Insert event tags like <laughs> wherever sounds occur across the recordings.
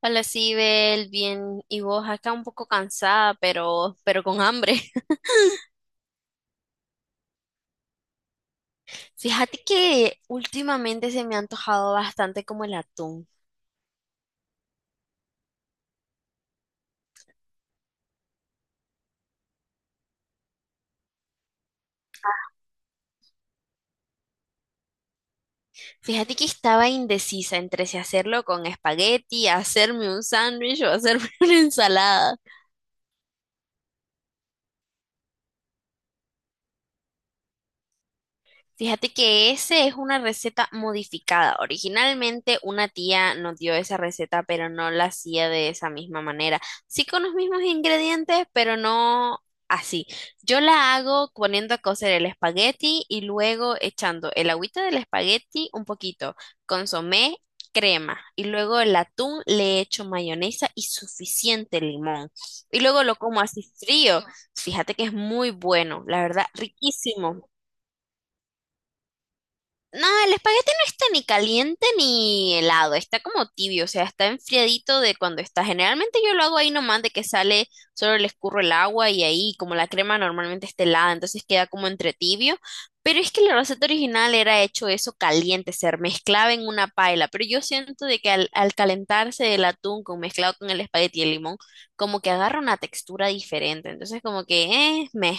Hola, Sibel, bien. Y vos acá un poco cansada, pero con hambre. <laughs> Fíjate que últimamente se me ha antojado bastante como el atún. Fíjate que estaba indecisa entre si hacerlo con espagueti, hacerme un sándwich o hacerme <laughs> una ensalada. Fíjate que ese es una receta modificada. Originalmente una tía nos dio esa receta, pero no la hacía de esa misma manera. Sí con los mismos ingredientes, pero no así. Yo la hago poniendo a cocer el espagueti y luego echando el agüita del espagueti un poquito, consomé, crema y luego el atún le echo mayonesa y suficiente limón. Y luego lo como así frío. Fíjate que es muy bueno, la verdad, riquísimo. No, el espagueti no está ni caliente ni helado, está como tibio, o sea, está enfriadito de cuando está. Generalmente yo lo hago ahí nomás de que sale, solo le escurro el agua y ahí como la crema normalmente está helada, entonces queda como entre tibio. Pero es que la receta original era hecho eso caliente, se mezclaba en una paila, pero yo siento de que al calentarse el atún con mezclado con el espagueti y el limón, como que agarra una textura diferente, entonces como que, meh.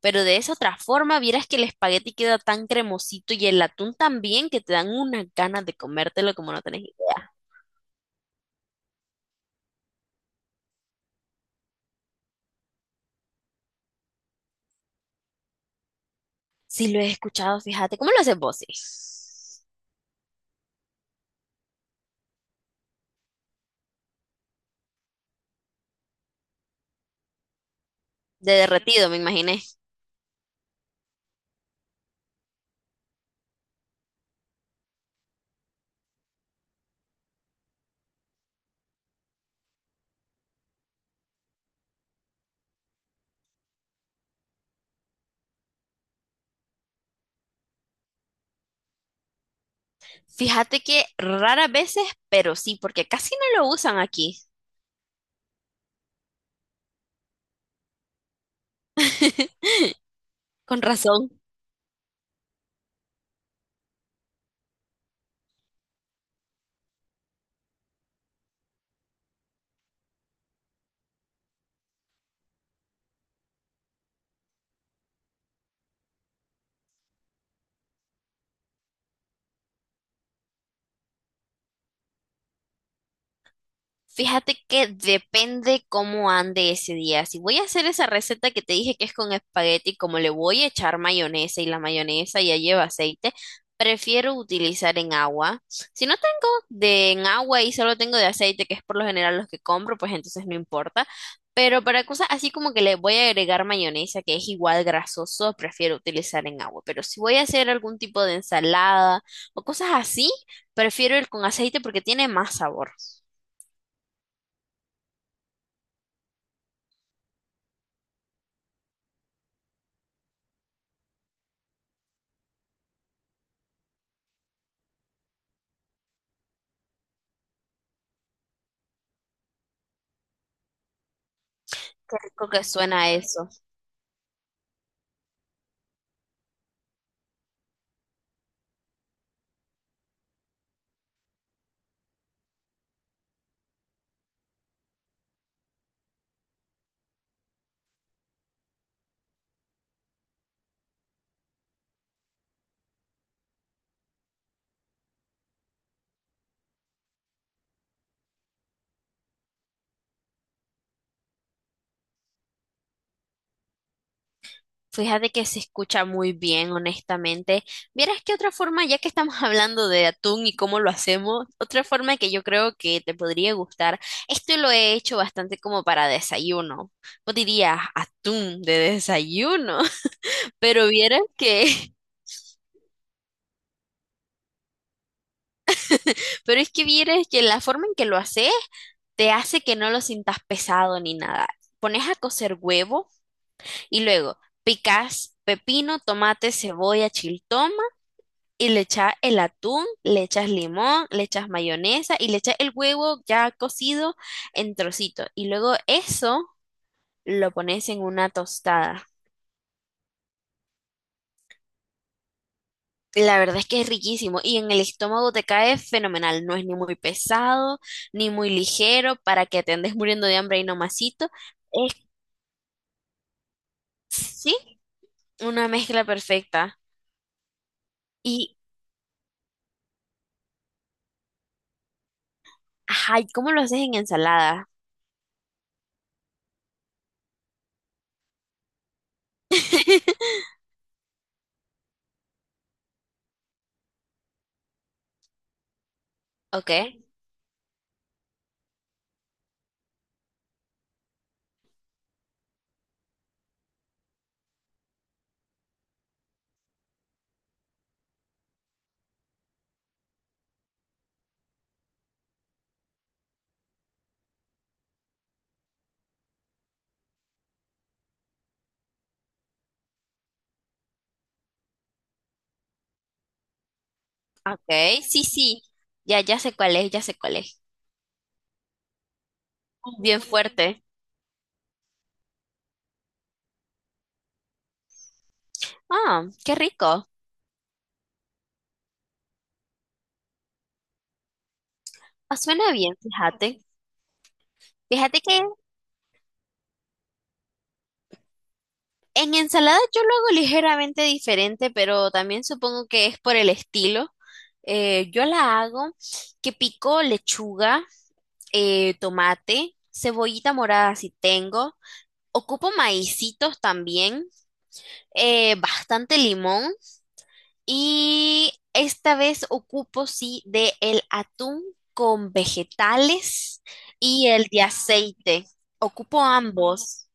Pero de esa otra forma, vieras que el espagueti queda tan cremosito y el atún también que te dan unas ganas de comértelo como no tenés idea. Sí, lo he escuchado, fíjate. ¿Cómo lo haces vos? ¿Sí? De derretido, me imaginé. Fíjate que raras veces, pero sí, porque casi no lo usan aquí. <laughs> Con razón. Fíjate que depende cómo ande ese día. Si voy a hacer esa receta que te dije que es con espagueti, como le voy a echar mayonesa y la mayonesa ya lleva aceite, prefiero utilizar en agua. Si no tengo de en agua y solo tengo de aceite, que es por lo general los que compro, pues entonces no importa. Pero para cosas así como que le voy a agregar mayonesa, que es igual grasoso, prefiero utilizar en agua. Pero si voy a hacer algún tipo de ensalada o cosas así, prefiero el con aceite porque tiene más sabor. Qué rico que suena eso. Fíjate que se escucha muy bien, honestamente. Vieras que otra forma, ya que estamos <laughs> hablando de atún y cómo lo hacemos, otra forma que yo creo que te podría gustar, esto lo he hecho bastante como para desayuno. Vos dirías atún de desayuno, <laughs> pero vieras que, <laughs> pero es que vieras que la forma en que lo haces te hace que no lo sintas pesado ni nada. Pones a cocer huevo y luego picas pepino, tomate, cebolla, chiltón. Y le echas el atún, le echas limón, le echas mayonesa y le echas el huevo ya cocido en trocitos. Y luego eso lo pones en una tostada. La verdad es que es riquísimo y en el estómago te cae fenomenal. No es ni muy pesado, ni muy ligero para que te andes muriendo de hambre y nomasito. Es, sí, una mezcla perfecta. Y, ajá, ¿y cómo lo haces en ensalada? <laughs> Ok, ok, sí, sí. Ya, ya sé cuál es, ya sé cuál es. Bien fuerte. Ah, qué rico. Ah, suena bien, fíjate. Fíjate que en ensalada yo lo hago ligeramente diferente, pero también supongo que es por el estilo. Yo la hago que pico lechuga, tomate, cebollita morada si tengo. Ocupo maicitos también, bastante limón y esta vez ocupo sí de el atún con vegetales y el de aceite. Ocupo ambos.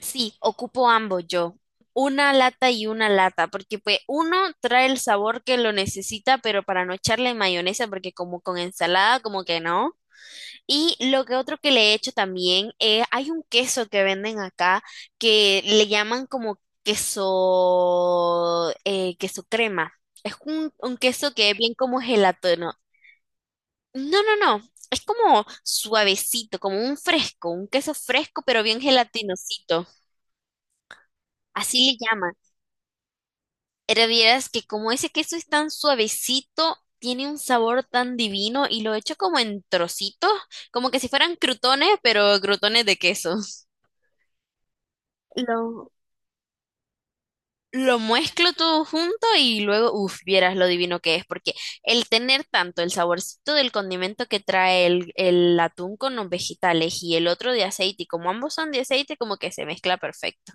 Sí, ocupo ambos yo. Una lata y una lata, porque pues uno trae el sabor que lo necesita, pero para no echarle mayonesa, porque como con ensalada, como que no. Y lo que otro que le he hecho también, hay un queso que venden acá que le llaman como queso, queso crema. Es un queso que es bien como gelatino. No, no, no, no. Es como suavecito, como un fresco, un queso fresco, pero bien gelatinosito. Así le llaman. Pero vieras que como ese queso es tan suavecito, tiene un sabor tan divino y lo echo como en trocitos, como que si fueran crutones, pero crutones de queso. Lo, lo mezclo todo junto y luego, uff, vieras lo divino que es, porque el tener tanto el saborcito del condimento que trae el atún con los vegetales y el otro de aceite, y como ambos son de aceite, como que se mezcla perfecto.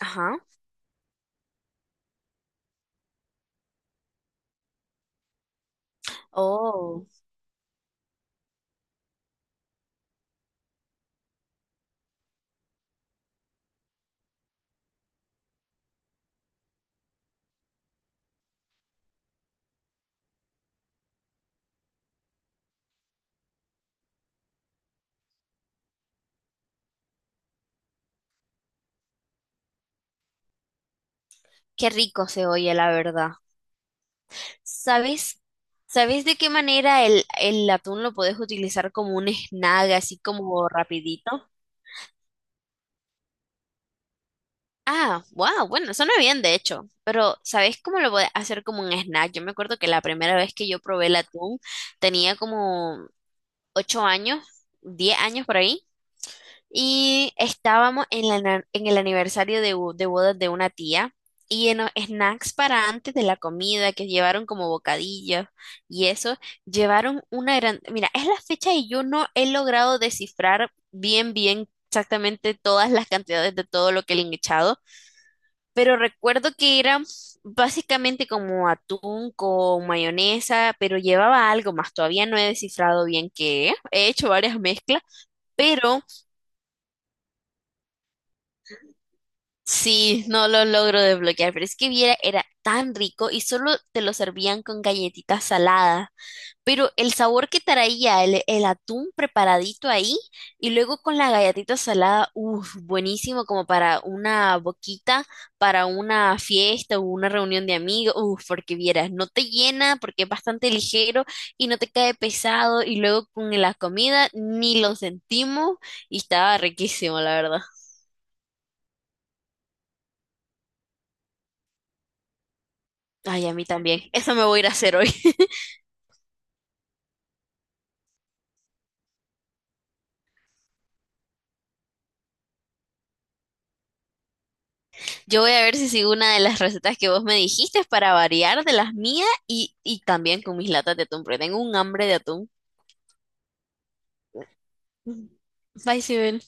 Ajá. Oh, qué rico se oye, la verdad. ¿Sabes? ¿Sabes de qué manera el atún lo podés utilizar como un snack, así como rapidito? Ah, wow, bueno, suena bien de hecho, pero ¿sabes cómo lo podés hacer como un snack? Yo me acuerdo que la primera vez que yo probé el atún tenía como 8 años, 10 años por ahí. Y estábamos en, la na- en el aniversario de, bo- de bodas de una tía y en los snacks para antes de la comida que llevaron como bocadillos y eso, llevaron una gran... Mira, es la fecha y yo no he logrado descifrar bien, bien exactamente todas las cantidades de todo lo que le han echado, pero recuerdo que era básicamente como atún con mayonesa, pero llevaba algo más, todavía no he descifrado bien qué, he hecho varias mezclas. Pero sí, no lo logro desbloquear, pero es que viera, era tan rico y solo te lo servían con galletitas saladas. Pero el sabor que traía el atún preparadito ahí y luego con la galletita salada, uff, buenísimo como para una boquita, para una fiesta o una reunión de amigos, uff, porque vieras, no te llena porque es bastante ligero y no te cae pesado y luego con la comida ni lo sentimos y estaba riquísimo, la verdad. Ay, a mí también. <laughs> Eso me voy a ir a hacer hoy. <laughs> Yo voy a ver si sigo una de las recetas que vos me dijiste para variar de las mías y también con mis latas de atún, porque tengo un hambre de atún. Bye, Sibel.